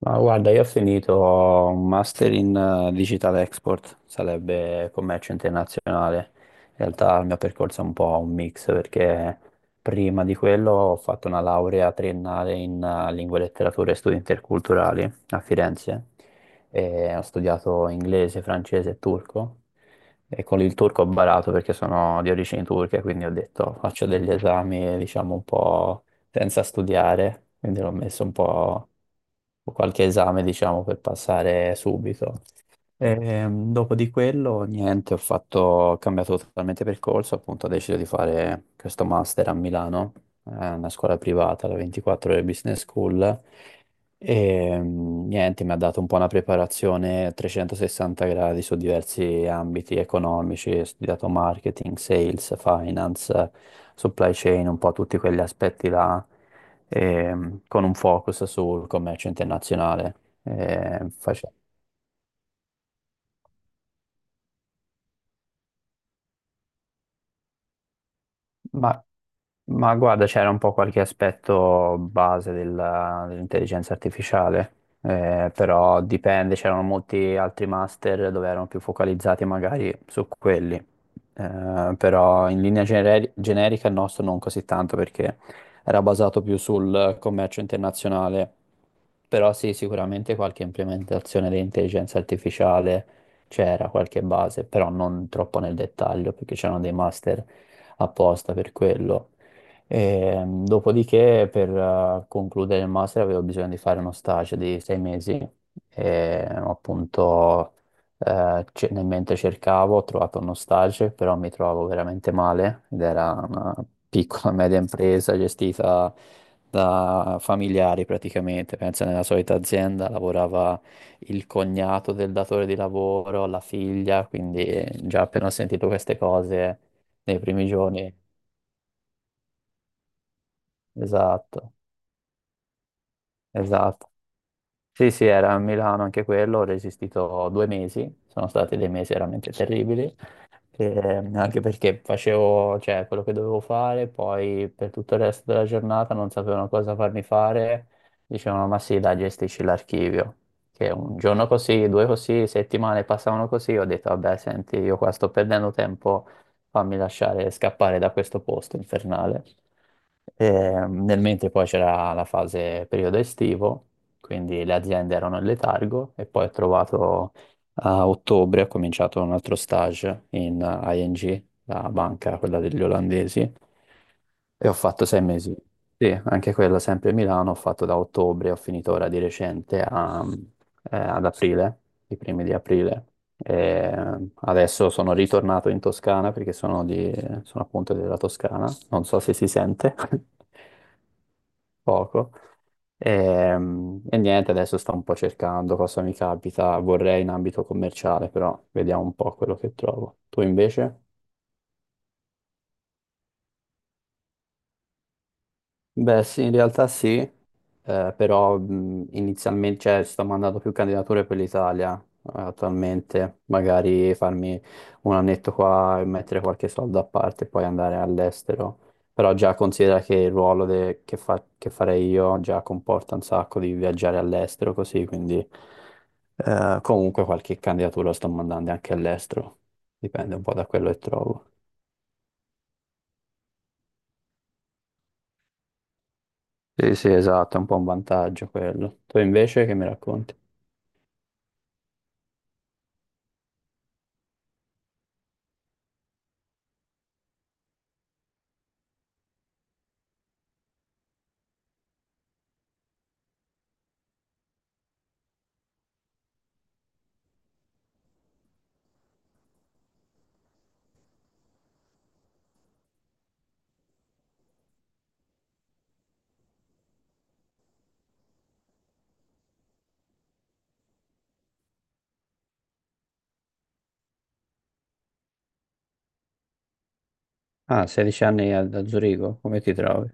Ma guarda, io ho finito un master in Digital Export, sarebbe commercio internazionale. In realtà il mio percorso è un po' un mix perché prima di quello ho fatto una laurea triennale in lingue, letterature e studi interculturali a Firenze, e ho studiato inglese, francese e turco, e con il turco ho barato perché sono di origini turche, quindi ho detto faccio degli esami, diciamo, un po' senza studiare, quindi l'ho messo un po', o qualche esame, diciamo, per passare subito. Dopo di quello, niente, ho fatto, ho cambiato totalmente percorso, appunto ho deciso di fare questo master a Milano, una scuola privata, la 24 ore Business School, e niente, mi ha dato un po' una preparazione a 360 gradi su diversi ambiti economici, ho studiato marketing, sales, finance, supply chain, un po' tutti quegli aspetti là, con un focus sul commercio internazionale. Eh, face- Ma, ma guarda, c'era un po' qualche aspetto base dell'intelligenza artificiale, però dipende, c'erano molti altri master dove erano più focalizzati magari su quelli, però in linea generica il nostro non così tanto perché era basato più sul commercio internazionale, però sì, sicuramente qualche implementazione di intelligenza artificiale c'era, qualche base, però non troppo nel dettaglio, perché c'erano dei master apposta per quello. E, dopodiché, per concludere il master, avevo bisogno di fare uno stage di sei mesi, e appunto nel mentre cercavo ho trovato uno stage, però mi trovavo veramente male, ed era una piccola media impresa gestita da familiari praticamente, pensa, nella solita azienda lavorava il cognato del datore di lavoro, la figlia, quindi già appena ho sentito queste cose nei primi giorni, esatto, esatto. Sì, sì, era a Milano anche quello, ho resistito due mesi, sono stati dei mesi veramente terribili. Anche perché facevo, cioè, quello che dovevo fare, poi per tutto il resto della giornata non sapevano cosa farmi fare, dicevano ma sì, dai, gestisci l'archivio. Che un giorno così, due così, settimane passavano così, ho detto vabbè, senti, io qua sto perdendo tempo, fammi lasciare scappare da questo posto infernale. Nel mentre poi c'era la fase periodo estivo, quindi le aziende erano in letargo, e poi ho trovato, a ottobre ho cominciato un altro stage in ING, la banca, quella degli olandesi, e ho fatto sei mesi. Sì, anche quella sempre a Milano, ho fatto da ottobre, ho finito ora di recente ad aprile, i primi di aprile. E adesso sono ritornato in Toscana perché sono appunto della Toscana, non so se si sente poco. E, niente, adesso sto un po' cercando cosa mi capita, vorrei in ambito commerciale, però vediamo un po' quello che trovo. Tu invece? Beh, sì, in realtà sì. Però inizialmente, cioè, sto mandando più candidature per l'Italia, attualmente, magari farmi un annetto qua e mettere qualche soldo a parte e poi andare all'estero. Però già considera che il ruolo che, che farei io già comporta un sacco di viaggiare all'estero così, quindi comunque qualche candidatura sto mandando anche all'estero, dipende un po' da quello che trovo. Sì, sì, esatto, è un po' un vantaggio quello. Tu invece che mi racconti? Ah, 16 anni a Zurigo, come ti trovi?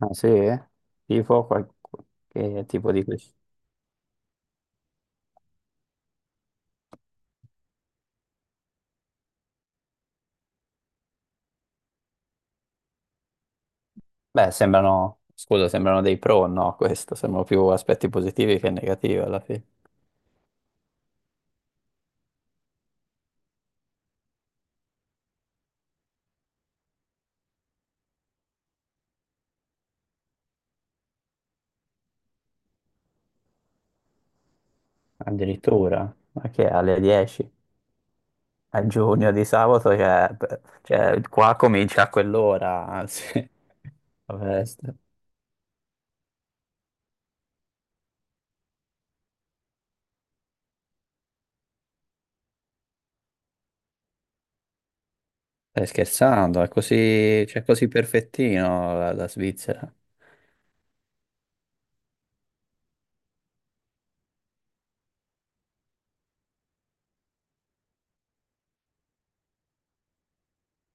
Ah, sì? Tipo che tipo di questo? Beh, sembrano, scusa, sembrano dei pro, no, questo, sembrano più aspetti positivi che negativi alla fine. Addirittura, ma che alle 10? A giugno di sabato, cioè, beh, cioè, qua comincia a quell'ora, anzi, la festa. Stai scherzando, è così, cioè, così perfettino la Svizzera.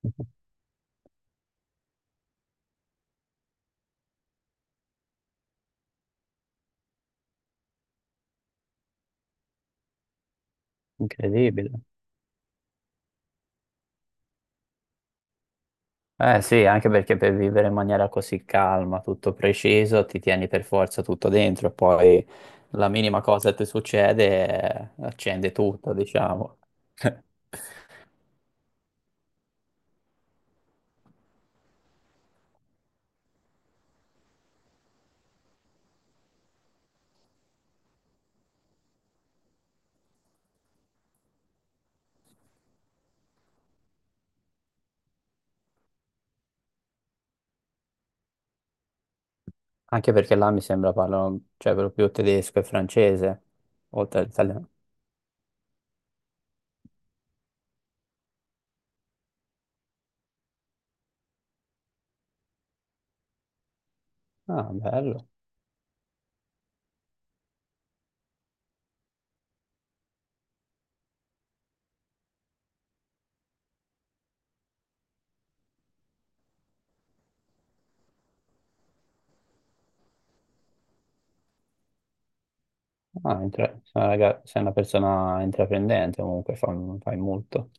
Incredibile. Eh sì, anche perché per vivere in maniera così calma, tutto preciso, ti tieni per forza tutto dentro, poi la minima cosa che ti succede accende tutto, diciamo. Anche perché là mi sembra parlano, cioè, per lo più tedesco e francese, oltre all'italiano. Ah, bello. Ah, sei, sei una persona intraprendente, comunque fai molto.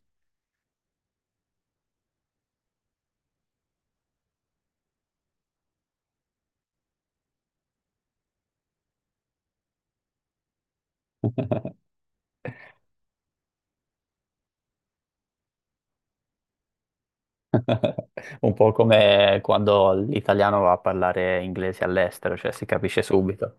Un po' come quando l'italiano va a parlare inglese all'estero, cioè si capisce subito.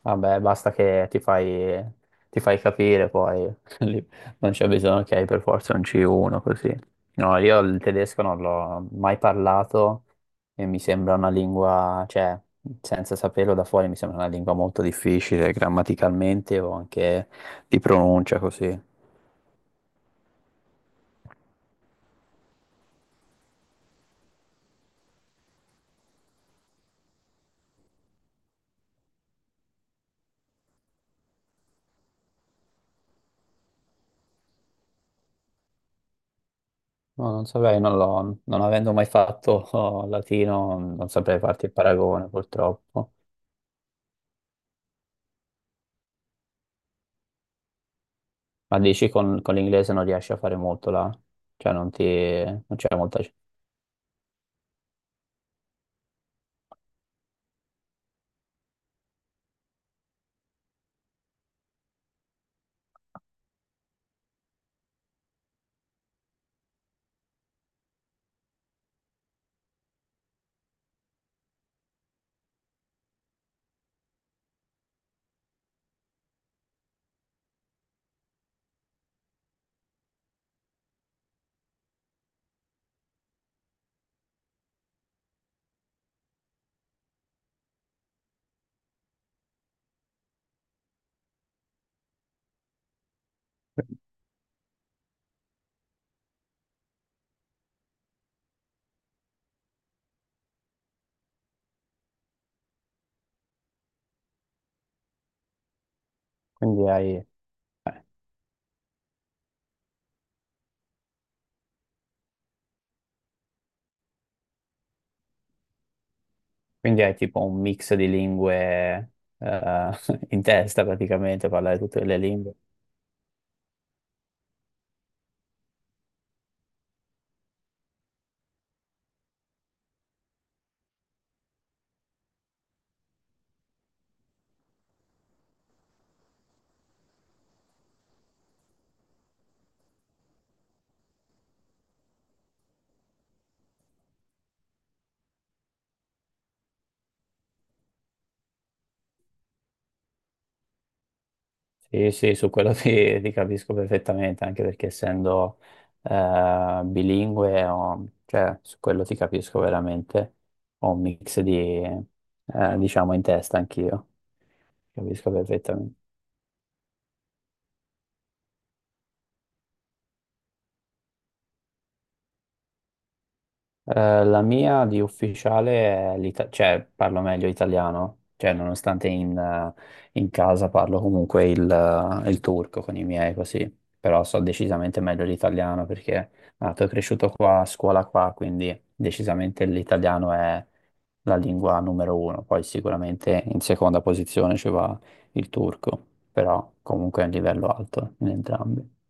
Vabbè, basta che ti fai capire poi, lì non c'è bisogno che hai per forza un C1 così. No, io il tedesco non l'ho mai parlato e mi sembra una lingua, cioè, senza saperlo da fuori mi sembra una lingua molto difficile grammaticalmente o anche di pronuncia così. No, non saprei, non l'ho, non avendo mai fatto oh, latino, non saprei farti il paragone purtroppo. Ma dici con l'inglese non riesci a fare molto là? Cioè non c'è molta... Quindi hai, eh, quindi hai tipo un mix di lingue eh, in testa praticamente, parlare tutte le lingue. Sì, sì, su quello ti capisco perfettamente, anche perché essendo bilingue, cioè su quello ti capisco veramente, ho un mix di, diciamo, in testa anch'io, capisco perfettamente. La mia di ufficiale è cioè parlo meglio italiano, cioè nonostante in casa parlo comunque il turco con i miei così, però so decisamente meglio l'italiano perché nato e cresciuto qua, a scuola qua, quindi decisamente l'italiano è la lingua numero uno, poi sicuramente in seconda posizione ci va il turco, però comunque è un livello alto in entrambi.